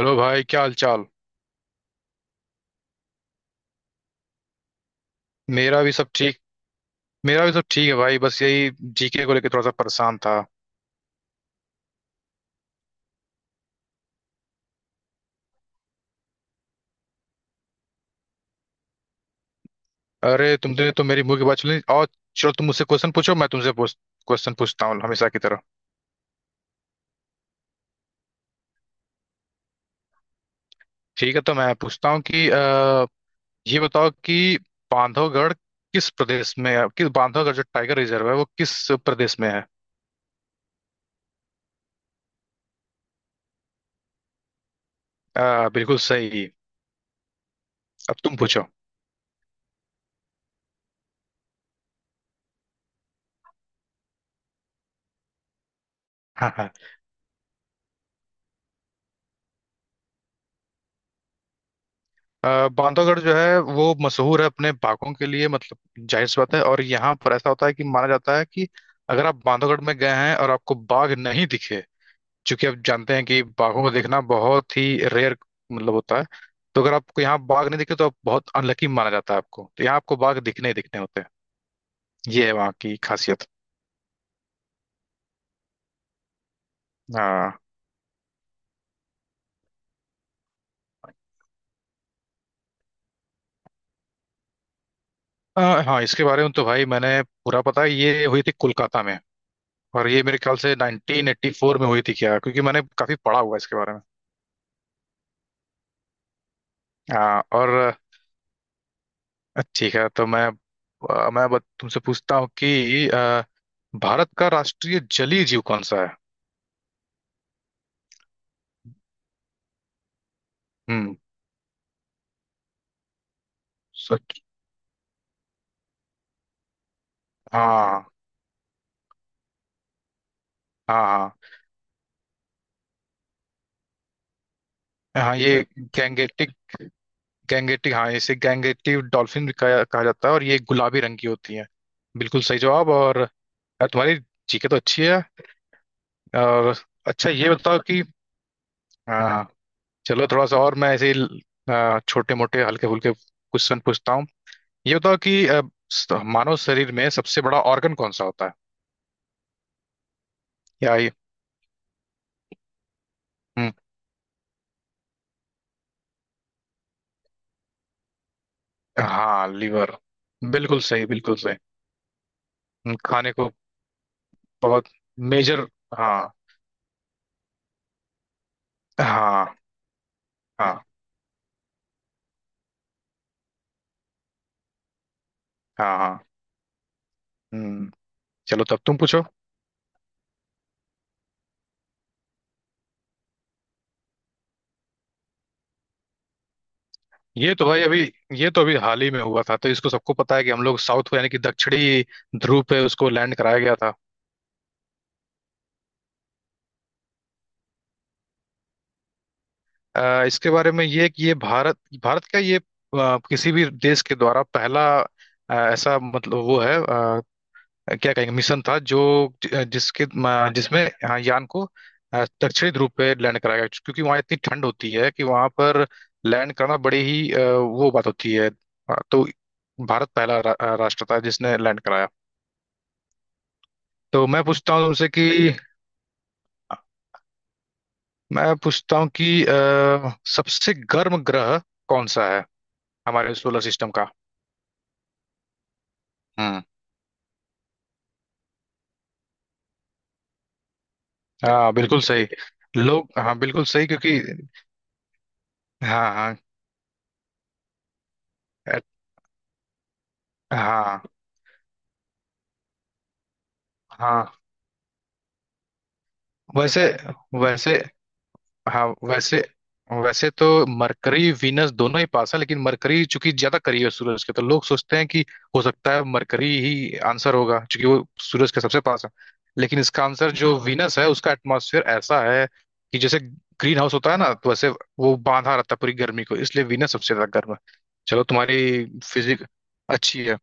Hello भाई, क्या हाल चाल। मेरा भी सब ठीक मेरा भी सब ठीक है भाई, बस यही जीके को लेकर थोड़ा सा परेशान था। अरे, तुमने तो मेरी मुंह की बात सुनी। और चलो, तुम मुझसे क्वेश्चन पूछो, मैं तुमसे क्वेश्चन पूछता हूँ हमेशा की तरह। ठीक है, तो मैं पूछता हूँ कि ये बताओ कि बांधवगढ़ जो टाइगर रिजर्व है वो किस प्रदेश में है। बिल्कुल सही। अब तुम पूछो। बांधवगढ़ जो है वो मशहूर है अपने बाघों के लिए, मतलब जाहिर सी बात है। और यहाँ पर ऐसा होता है कि माना जाता है कि अगर आप बांधवगढ़ में गए हैं और आपको बाघ नहीं दिखे, क्योंकि आप जानते हैं कि बाघों को देखना बहुत ही रेयर मतलब होता है। तो अगर आपको यहाँ बाघ नहीं दिखे तो आप बहुत अनलकी माना जाता है, आपको तो यहाँ आपको बाघ दिखने ही दिखने होते हैं। ये है वहाँ की खासियत। हाँ। अ, हाँ, इसके बारे में तो भाई मैंने पूरा पता है। ये हुई थी कोलकाता में। और ये मेरे ख्याल से 1984 में हुई थी क्या, क्योंकि मैंने काफी पढ़ा हुआ है इसके बारे में। हाँ। और ठीक है, तो मैं तुमसे पूछता हूँ कि भारत का राष्ट्रीय जलीय जीव कौन सा है। हम्म। सच। हाँ हाँ। हाँ, हाँ ये गैंगेटिक गैंगेटिक, हाँ, इसे गैंगेटिक डॉल्फिन भी कहा जाता है। और ये गुलाबी रंग की होती है। बिल्कुल सही जवाब। और यार, तुम्हारी जीके तो अच्छी है। और अच्छा, ये बताओ कि हाँ हाँ, चलो थोड़ा सा और मैं ऐसे ही छोटे मोटे हल्के फुल्के क्वेश्चन पूछता हूँ। ये बताओ कि मानव शरीर में सबसे बड़ा ऑर्गन कौन सा होता है। क्या ये हम्म, हाँ, लीवर। बिल्कुल सही, बिल्कुल सही। खाने को बहुत मेजर। हाँ हाँ हाँ हाँ। हाँ। हम्म। चलो, तब तुम पूछो। ये तो भाई अभी ये तो अभी हाल ही में हुआ था, तो इसको सबको पता है कि हम लोग साउथ को यानी कि दक्षिणी ध्रुव पे उसको लैंड कराया गया था। इसके बारे में ये कि ये भारत, का ये किसी भी देश के द्वारा पहला ऐसा मतलब वो है, क्या कहेंगे, मिशन था जिसमें हाँ, यान को दक्षिणी ध्रुव पे लैंड कराया गया, क्योंकि वहाँ इतनी ठंड होती है कि वहाँ पर लैंड करना बड़ी ही वो बात होती है। तो भारत पहला राष्ट्र था जिसने लैंड कराया। तो मैं पूछता हूँ तुमसे कि मैं पूछता हूँ कि सबसे गर्म ग्रह कौन सा है हमारे सोलर सिस्टम का। हम्म। हाँ, बिल्कुल सही। लोग हाँ, बिल्कुल सही, क्योंकि हाँ हाँ अ- हाँ हाँ वैसे, वैसे, हाँ, वैसे वैसे तो मरकरी वीनस दोनों ही पास है, लेकिन मरकरी चूंकि ज्यादा करीब है सूरज के, तो लोग सोचते हैं कि हो सकता है मरकरी ही आंसर होगा, क्योंकि वो सूरज के सबसे पास है। लेकिन इसका आंसर जो वीनस है, उसका एटमॉस्फेयर ऐसा है कि जैसे ग्रीन हाउस होता है ना, तो वैसे वो बांधा रहता है पूरी गर्मी को, इसलिए वीनस सबसे ज्यादा गर्म है। चलो, तुम्हारी फिजिक अच्छी है।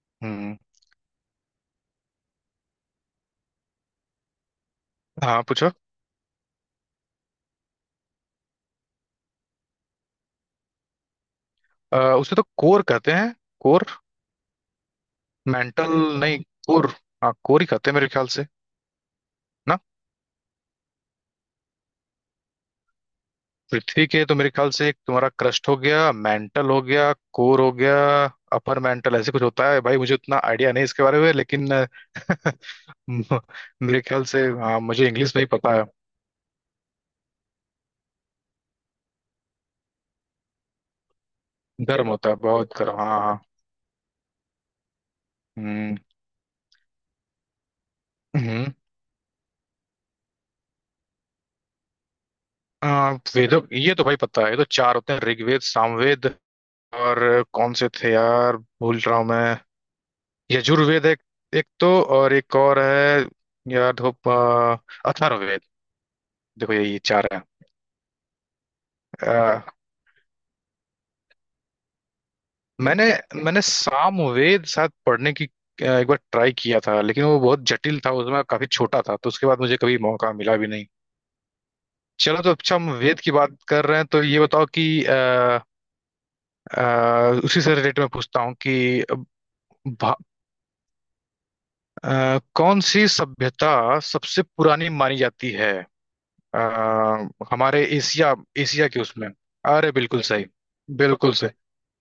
हम्म। हाँ, पूछो। उसे तो कोर कहते हैं। कोर। मेंटल, नहीं, कोर। हाँ, कोर ही कहते हैं मेरे ख्याल से। पृथ्वी के तो मेरे ख्याल से एक तुम्हारा क्रस्ट हो गया, मेंटल हो गया, कोर हो गया। अपर मेंटल ऐसे कुछ होता है, भाई मुझे उतना आइडिया नहीं इसके बारे में, लेकिन मेरे ख्याल से, हाँ, मुझे इंग्लिश में ही पता है। गर्म होता है, बहुत गर्म, हाँ हाँ। हम्म। हम्म। अ, वेदों, ये तो भाई पता है, ये तो चार होते हैं। ऋग्वेद, सामवेद और कौन से थे यार, भूल रहा हूँ मैं। यजुर्वेद एक, एक तो, और एक और है यार। धोप। अथर्ववेद। देखो, यही चार है। मैंने मैंने सामवेद शायद पढ़ने की एक बार ट्राई किया था, लेकिन वो बहुत जटिल था, उसमें काफी छोटा था, तो उसके बाद मुझे कभी मौका मिला भी नहीं। चलो, तो अच्छा, हम वेद की बात कर रहे हैं, तो ये बताओ कि उसी से रिलेटेड मैं पूछता हूँ कि भा- कौन सी सभ्यता सबसे पुरानी मानी जाती है, अ, हमारे एशिया, के उसमें। अरे, बिल्कुल सही, बिल्कुल सही,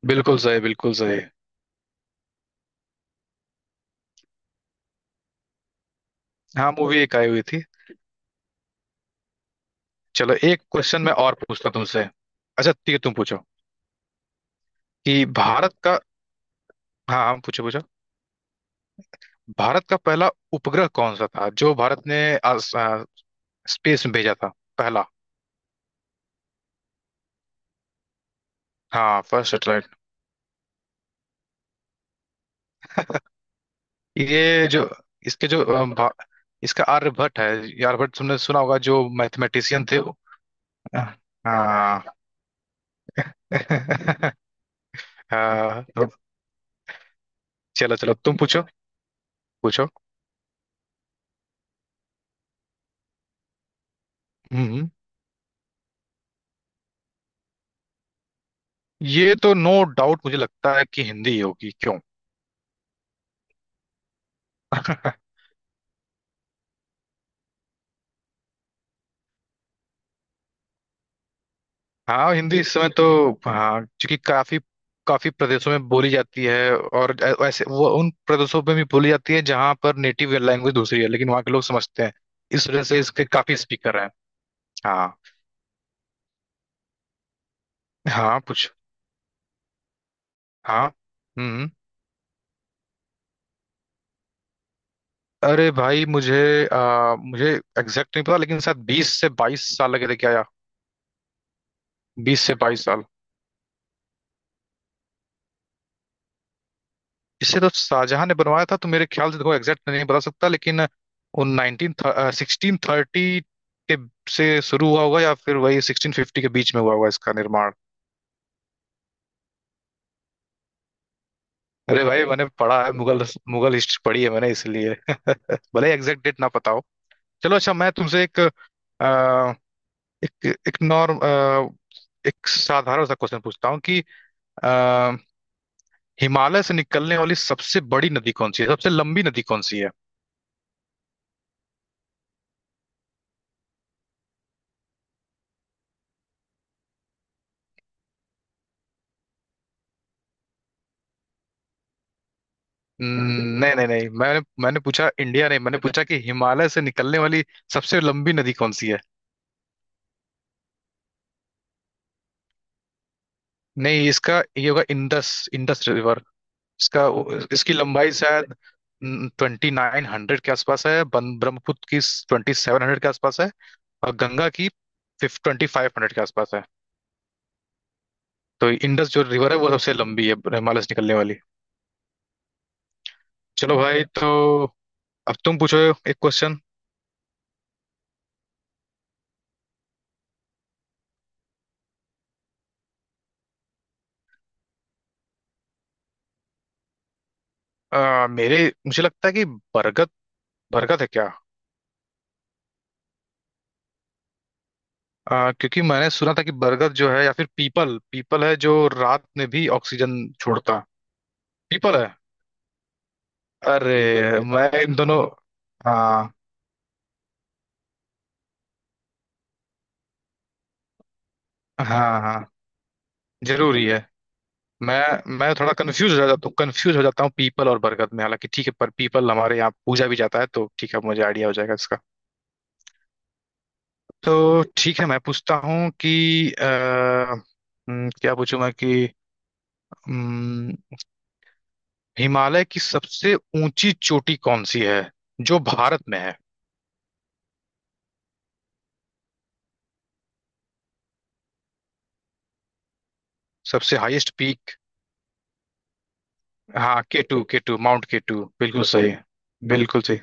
बिल्कुल सही, बिल्कुल सही। हाँ, मूवी एक आई हुई थी। चलो, एक क्वेश्चन मैं और पूछता हूं तुमसे। अच्छा, ठीक है, तुम पूछो। कि भारत का हाँ हाँ, पूछो पूछो। भारत का पहला उपग्रह कौन सा था जो भारत ने आस- आ, स्पेस में भेजा था पहला। हाँ, फर्स्ट सैटेलाइट। ये जो इसके जो अ, भा- इसका आर्यभट्ट है। ये आर्यभट्ट तुमने सुना होगा, जो मैथमेटिशियन थे वो। हाँ हाँ, तो चलो चलो, तुम पूछो। पूछो। हम्म। ये तो नो डाउट, मुझे लगता है कि हिंदी ही होगी, क्यों? हाँ, हिंदी इस समय तो हाँ, क्योंकि काफी काफी प्रदेशों में बोली जाती है, और वैसे वो उन प्रदेशों में भी बोली जाती है जहाँ पर नेटिव लैंग्वेज दूसरी है, लेकिन वहाँ के लोग समझते हैं। इस वजह से इसके काफी स्पीकर हैं। हाँ हाँ, कुछ। हाँ। हम्म। अरे भाई, मुझे आ, मुझे एग्जैक्ट नहीं पता, लेकिन शायद 20 से 22 साल लगे थे क्या, या 20 से 22 साल। इसे तो शाहजहां ने बनवाया था। तो मेरे ख्याल से, देखो, एग्जैक्ट नहीं बता सकता, लेकिन उन नाइनटीन 1630 के से शुरू हुआ होगा, या फिर वही 1650 के बीच में हुआ होगा इसका निर्माण। अरे भाई, मैंने पढ़ा है मुगल मुगल हिस्ट्री पढ़ी है मैंने, इसलिए भले एग्जैक्ट डेट ना पता हो। चलो, अच्छा, मैं तुमसे एक आ, एक एक नॉर्म एक साधारण सा क्वेश्चन पूछता हूँ कि अ, हिमालय से निकलने वाली सबसे बड़ी नदी कौन सी है, सबसे लंबी नदी कौन सी है। नहीं नहीं नहीं, मैंने मैंने पूछा, इंडिया नहीं, मैंने पूछा कि हिमालय से निकलने वाली सबसे लंबी नदी कौन सी है। नहीं, इसका ये होगा इंडस इंडस रिवर। इसका इसकी लंबाई शायद 2900 के आसपास है। ब्रह्मपुत्र की 2700 के आसपास है। और गंगा की 2500 के आसपास है। तो इंडस जो रिवर है, वो सबसे लंबी है हिमालय से निकलने वाली। चलो भाई, तो अब तुम पूछो एक क्वेश्चन। मेरे मुझे लगता है कि बरगद बरगद है क्या। क्योंकि मैंने सुना था कि बरगद जो है या फिर पीपल पीपल है जो रात में भी ऑक्सीजन छोड़ता है। पीपल है। पीपल, अरे है, मैं इन दोनों हाँ हाँ हाँ जरूरी है। मैं मैं थोड़ा कंफ्यूज हो जाता हूँ पीपल और बरगद में। हालांकि ठीक है, पर पीपल हमारे यहाँ पूजा भी जाता है, तो ठीक है, मुझे आइडिया हो जाएगा इसका। तो ठीक है, मैं पूछता हूँ कि क्या पूछूं मैं कि हम्म, हिमालय की सबसे ऊंची चोटी कौन सी है जो भारत में है। सबसे हाईएस्ट पीक। हाँ, K2, के टू माउंट, के टू, बिल्कुल सही बताइए। बिल्कुल सही।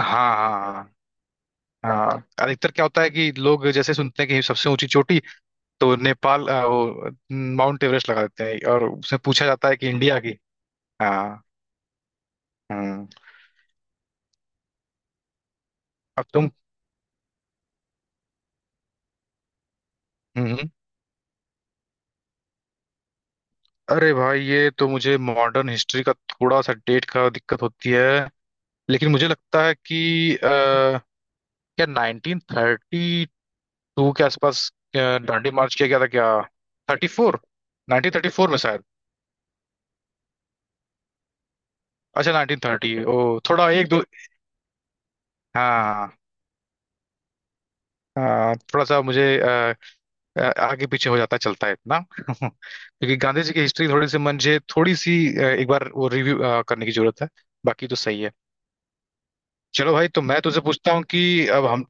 हाँ हाँ हाँ हाँ। अधिकतर क्या होता है कि लोग जैसे सुनते हैं कि सबसे ऊंची चोटी, तो नेपाल अ, वो न, माउंट एवरेस्ट लगा देते हैं, और उससे पूछा जाता है कि इंडिया की। हाँ। हम्म अब तुम हम्म अरे भाई, ये तो मुझे मॉडर्न हिस्ट्री का थोड़ा सा डेट का दिक्कत होती है। लेकिन मुझे लगता है कि क्या 1932 के आसपास अ, दांडी मार्च किया गया था क्या। थर्टी फोर 1934 में शायद। अच्छा, 1930, थोड़ा एक दो। हाँ हाँ, थोड़ा सा मुझे आगे पीछे हो जाता, चलता है इतना। क्योंकि गांधी जी की हिस्ट्री थोड़ी सी मुझे थोड़ी सी एक बार वो रिव्यू करने की जरूरत है। बाकी तो सही है। चलो भाई, तो मैं तुझसे पूछता हूँ कि अब हम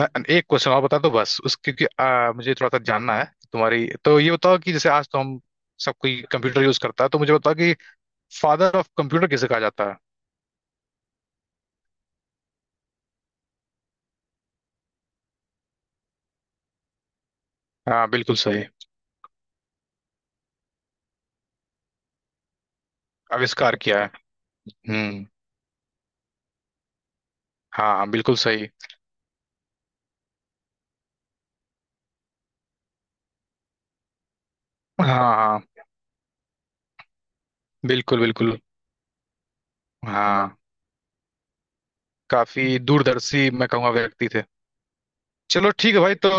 मैं एक क्वेश्चन और बता दो बस उस, क्योंकि मुझे थोड़ा सा जानना है तुम्हारी। तो ये बताओ कि जैसे आज तो हम सब कोई कंप्यूटर यूज करता है, तो मुझे बताओ कि फादर ऑफ कंप्यूटर किसे कहा जाता है। हाँ, बिल्कुल सही। आविष्कार किया है। हम्म। हाँ, बिल्कुल सही। हाँ हाँ। बिल्कुल बिल्कुल। हाँ, काफी दूरदर्शी, मैं कहूँगा, व्यक्ति थे। चलो, ठीक है भाई, तो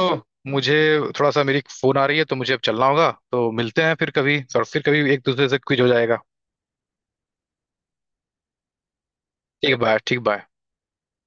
मुझे थोड़ा सा, मेरी फोन आ रही है, तो मुझे अब चलना होगा, तो मिलते हैं फिर कभी और फिर कभी एक दूसरे से क्विज हो जाएगा। ठीक है, बाय, ठीक, बाय।